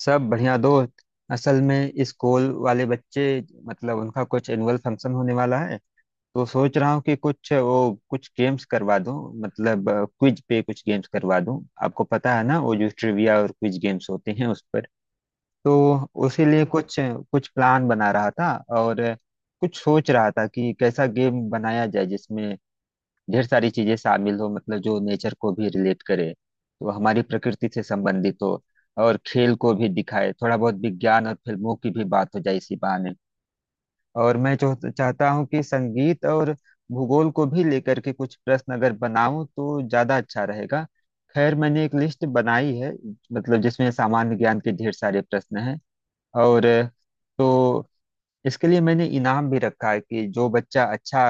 सब बढ़िया दोस्त। असल में इस स्कूल वाले बच्चे, मतलब उनका कुछ एनुअल फंक्शन होने वाला है। तो सोच रहा हूँ कि कुछ वो कुछ गेम्स करवा दूँ, मतलब क्विज पे कुछ गेम्स करवा दूँ। आपको पता है ना, वो जो ट्रिविया और क्विज गेम्स होते हैं, उस पर। तो उसी लिए कुछ कुछ प्लान बना रहा था। और कुछ सोच रहा था कि कैसा गेम बनाया जाए जिसमें ढेर सारी चीजें शामिल हो, मतलब जो नेचर को भी रिलेट करे, तो हमारी प्रकृति से संबंधित हो और खेल को भी दिखाए, थोड़ा बहुत विज्ञान और फिल्मों की भी बात हो जाए इसी बहाने। और मैं जो चाहता हूँ कि संगीत और भूगोल को भी लेकर के कुछ प्रश्न अगर बनाऊं तो ज्यादा अच्छा रहेगा। खैर, मैंने एक लिस्ट बनाई है, मतलब जिसमें सामान्य ज्ञान के ढेर सारे प्रश्न हैं। और तो इसके लिए मैंने इनाम भी रखा है कि जो बच्चा अच्छा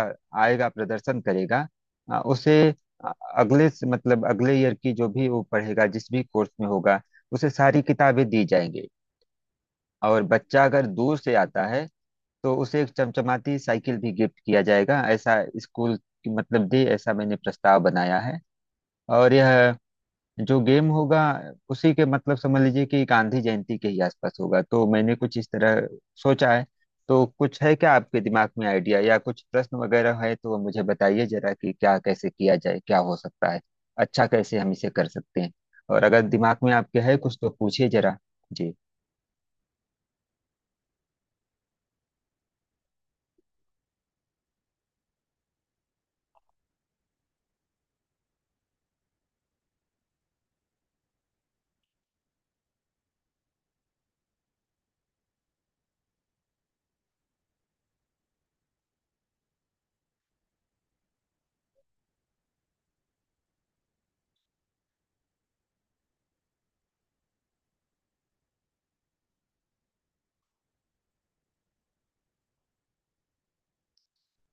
आएगा, प्रदर्शन करेगा, उसे अ, मतलब अगले ईयर की जो भी वो पढ़ेगा, जिस भी कोर्स में होगा, उसे सारी किताबें दी जाएंगी। और बच्चा अगर दूर से आता है तो उसे एक चमचमाती साइकिल भी गिफ्ट किया जाएगा, ऐसा स्कूल की मतलब दे, ऐसा मैंने प्रस्ताव बनाया है। और यह जो गेम होगा, उसी के मतलब समझ लीजिए कि गांधी जयंती के ही आसपास होगा, तो मैंने कुछ इस तरह सोचा है। तो कुछ है क्या आपके दिमाग में आइडिया या कुछ प्रश्न वगैरह है तो मुझे बताइए जरा, कि क्या कैसे किया जाए, क्या हो सकता है, अच्छा कैसे हम इसे कर सकते हैं। और अगर दिमाग में आपके है कुछ तो पूछिए जरा। जी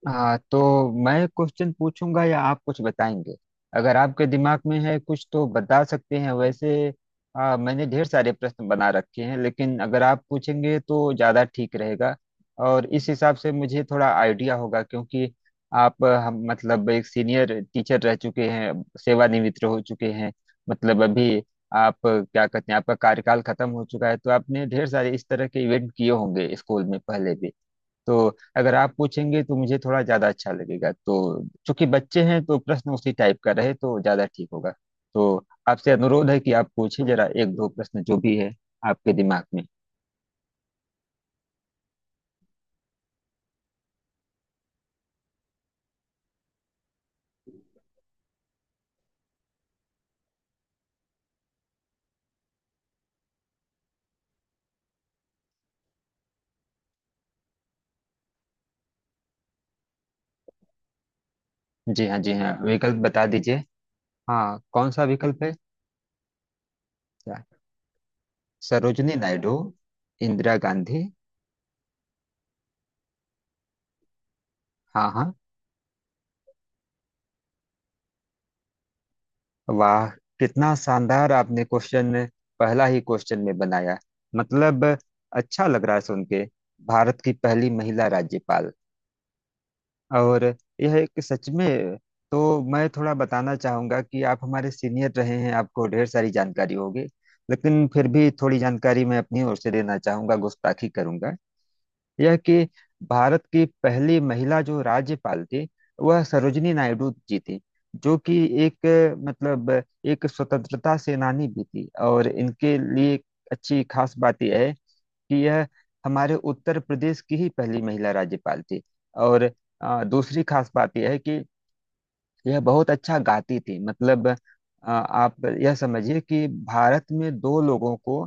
हाँ, तो मैं क्वेश्चन पूछूंगा या आप कुछ बताएंगे? अगर आपके दिमाग में है कुछ तो बता सकते हैं वैसे। मैंने ढेर सारे प्रश्न बना रखे हैं, लेकिन अगर आप पूछेंगे तो ज़्यादा ठीक रहेगा, और इस हिसाब से मुझे थोड़ा आइडिया होगा। क्योंकि आप हम मतलब एक सीनियर टीचर रह चुके हैं, सेवानिवृत्त हो चुके हैं, मतलब अभी आप क्या कहते हैं, आपका कार्यकाल खत्म हो चुका है, तो आपने ढेर सारे इस तरह के इवेंट किए होंगे स्कूल में पहले भी। तो अगर आप पूछेंगे तो मुझे थोड़ा ज्यादा अच्छा लगेगा। तो चूंकि बच्चे हैं तो प्रश्न उसी टाइप का रहे तो ज्यादा ठीक होगा। तो आपसे अनुरोध है कि आप पूछिए जरा एक दो प्रश्न जो भी है आपके दिमाग में। जी हाँ, जी हाँ, विकल्प बता दीजिए। हाँ, कौन सा विकल्प है? क्या? सरोजनी नायडू। इंदिरा गांधी। हाँ, हाँ। वाह, कितना शानदार आपने क्वेश्चन पहला ही क्वेश्चन में बनाया, मतलब अच्छा लग रहा है सुन के। भारत की पहली महिला राज्यपाल। और यह एक सच में, तो मैं थोड़ा बताना चाहूंगा कि आप हमारे सीनियर रहे हैं, आपको ढेर सारी जानकारी होगी, लेकिन फिर भी थोड़ी जानकारी मैं अपनी ओर से देना चाहूंगा, गुस्ताखी करूंगा। यह कि भारत की पहली महिला जो राज्यपाल थी, वह सरोजिनी नायडू जी थी, जो कि एक मतलब एक स्वतंत्रता सेनानी भी थी, और इनके लिए अच्छी खास बात यह है कि यह हमारे उत्तर प्रदेश की ही पहली महिला राज्यपाल थी। और दूसरी खास बात यह है कि यह बहुत अच्छा गाती थी, मतलब आप यह समझिए कि भारत में दो लोगों को,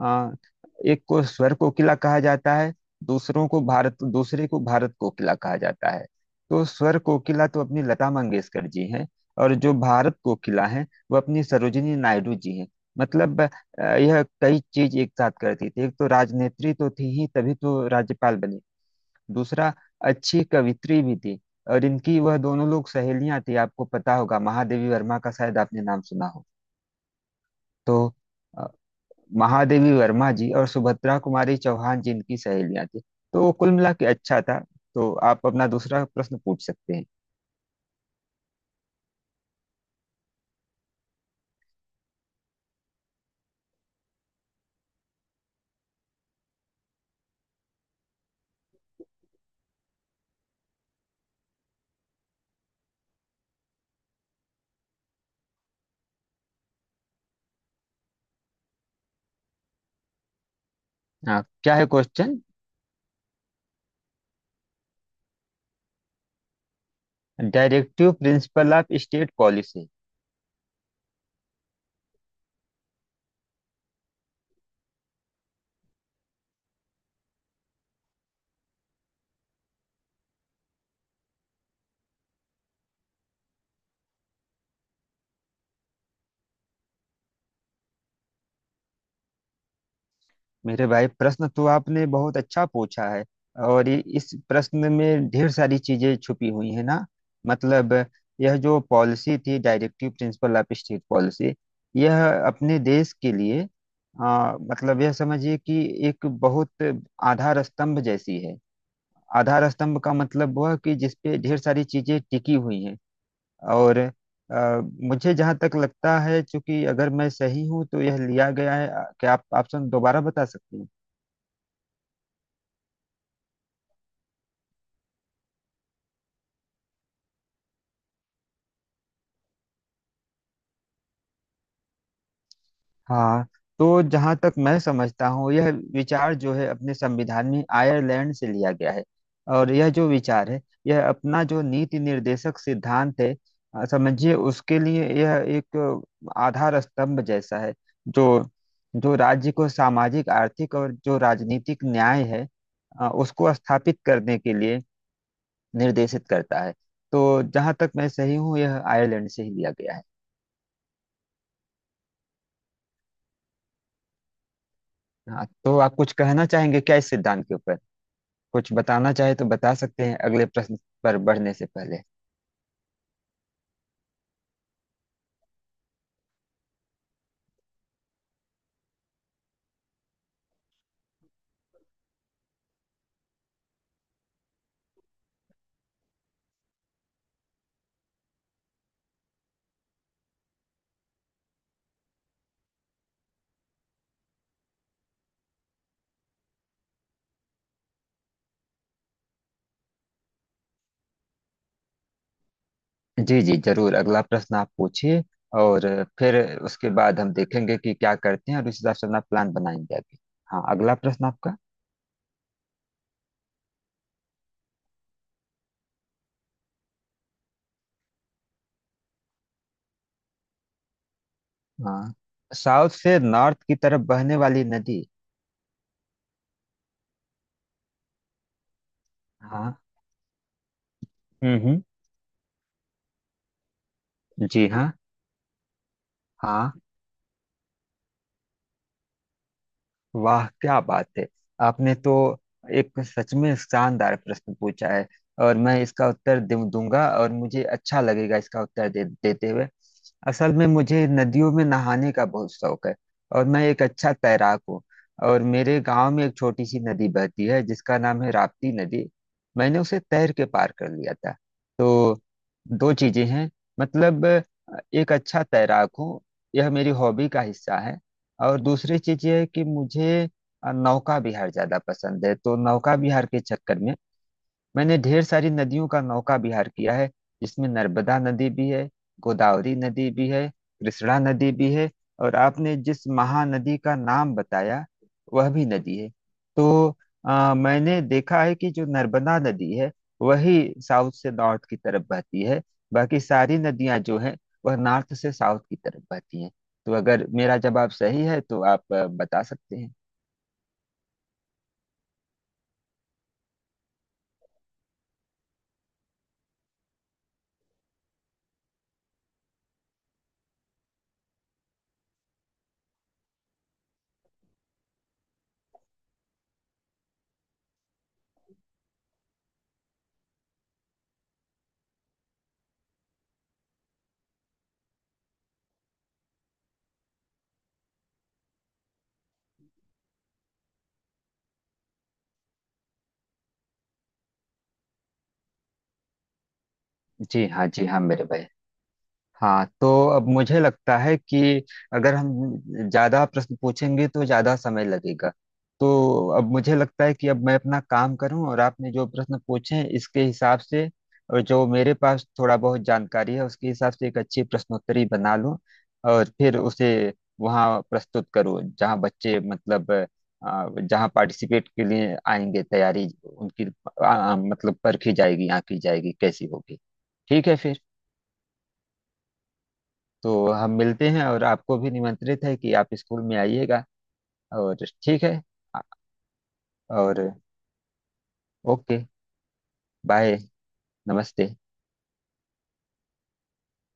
अ, एक को स्वर कोकिला कहा जाता है, दूसरों को भारत दूसरे को भारत कोकिला कहा जाता है। तो स्वर कोकिला तो अपनी लता मंगेशकर जी हैं, और जो भारत कोकिला हैं वो अपनी सरोजिनी नायडू जी हैं। मतलब यह कई चीज एक साथ करती थी, एक तो राजनेत्री तो थी ही, तभी तो राज्यपाल बनी। दूसरा, अच्छी कवित्री भी थी, और इनकी वह दोनों लोग सहेलियां थी। आपको पता होगा, महादेवी वर्मा का शायद आपने नाम सुना हो। तो अ, महादेवी वर्मा जी और सुभद्रा कुमारी चौहान जी इनकी सहेलियां थी। तो वो कुल मिला के अच्छा था। तो आप अपना दूसरा प्रश्न पूछ सकते हैं। हाँ, क्या है question? Directive principle of state policy. मेरे भाई, प्रश्न तो आपने बहुत अच्छा पूछा है, और इस प्रश्न में ढेर सारी चीजें छुपी हुई है ना। मतलब यह जो पॉलिसी थी, directive principle of state policy, यह अपने देश के लिए मतलब यह समझिए कि एक बहुत आधार स्तंभ जैसी है। आधार स्तंभ का मतलब वह कि जिस पे ढेर सारी चीजें टिकी हुई हैं। और आ, मुझे जहाँ तक लगता है, चूंकि अगर मैं सही हूँ तो यह लिया गया है। क्या आप ऑप्शन दोबारा बता सकते हैं? हाँ, तो जहां तक मैं समझता हूँ, यह विचार जो है अपने संविधान में आयरलैंड से लिया गया है। और यह जो विचार है, यह अपना जो नीति निर्देशक सिद्धांत है, समझिए उसके लिए यह एक आधार स्तंभ जैसा है, जो जो राज्य को सामाजिक, आर्थिक और जो राजनीतिक न्याय है उसको स्थापित करने के लिए निर्देशित करता है। तो जहां तक मैं सही हूँ, यह आयरलैंड से ही लिया गया है। हाँ, तो आप कुछ कहना चाहेंगे क्या इस सिद्धांत के ऊपर? कुछ बताना चाहे तो बता सकते हैं अगले प्रश्न पर बढ़ने से पहले। जी जी जरूर, अगला प्रश्न आप पूछिए। और फिर उसके बाद हम देखेंगे कि क्या करते हैं, और उस हिसाब से अपना प्लान बनाएंगे आगे। हाँ, अगला प्रश्न आपका। हाँ, साउथ से नॉर्थ की तरफ बहने वाली नदी। हाँ। हम्म। जी हाँ। हाँ। वाह, क्या बात है! आपने तो एक सच में शानदार प्रश्न पूछा है। और मैं इसका उत्तर दूंगा, और मुझे अच्छा लगेगा इसका उत्तर देते हुए। असल में मुझे नदियों में नहाने का बहुत शौक है, और मैं एक अच्छा तैराक हूँ। और मेरे गांव में एक छोटी सी नदी बहती है जिसका नाम है राप्ती नदी। मैंने उसे तैर के पार कर लिया था। तो दो चीजें हैं, मतलब एक अच्छा तैराक हूँ, यह मेरी हॉबी का हिस्सा है। और दूसरी चीज ये है कि मुझे नौका विहार ज्यादा पसंद है, तो नौका विहार के चक्कर में मैंने ढेर सारी नदियों का नौका विहार किया है, जिसमें नर्मदा नदी भी है, गोदावरी नदी भी है, कृष्णा नदी भी है। और आपने जिस महानदी का नाम बताया, वह भी नदी है। तो मैंने देखा है कि जो नर्मदा नदी है, वही साउथ से नॉर्थ की तरफ बहती है। बाकी सारी नदियां जो हैं, वह नॉर्थ से साउथ की तरफ बहती हैं। तो अगर मेरा जवाब सही है तो आप बता सकते हैं। जी हाँ, जी हाँ, मेरे भाई। हाँ, तो अब मुझे लगता है कि अगर हम ज्यादा प्रश्न पूछेंगे तो ज्यादा समय लगेगा। तो अब मुझे लगता है कि अब मैं अपना काम करूं, और आपने जो प्रश्न पूछे इसके हिसाब से और जो मेरे पास थोड़ा बहुत जानकारी है उसके हिसाब से एक अच्छी प्रश्नोत्तरी बना लूं। और फिर उसे वहां प्रस्तुत करूं जहां बच्चे, मतलब जहां पार्टिसिपेट के लिए आएंगे, तैयारी उनकी मतलब परखी जाएगी, आंकी जाएगी कैसी होगी। ठीक है फिर, तो हम मिलते हैं, और आपको भी निमंत्रित है कि आप स्कूल में आइएगा। और ठीक है। और ओके, बाय, नमस्ते।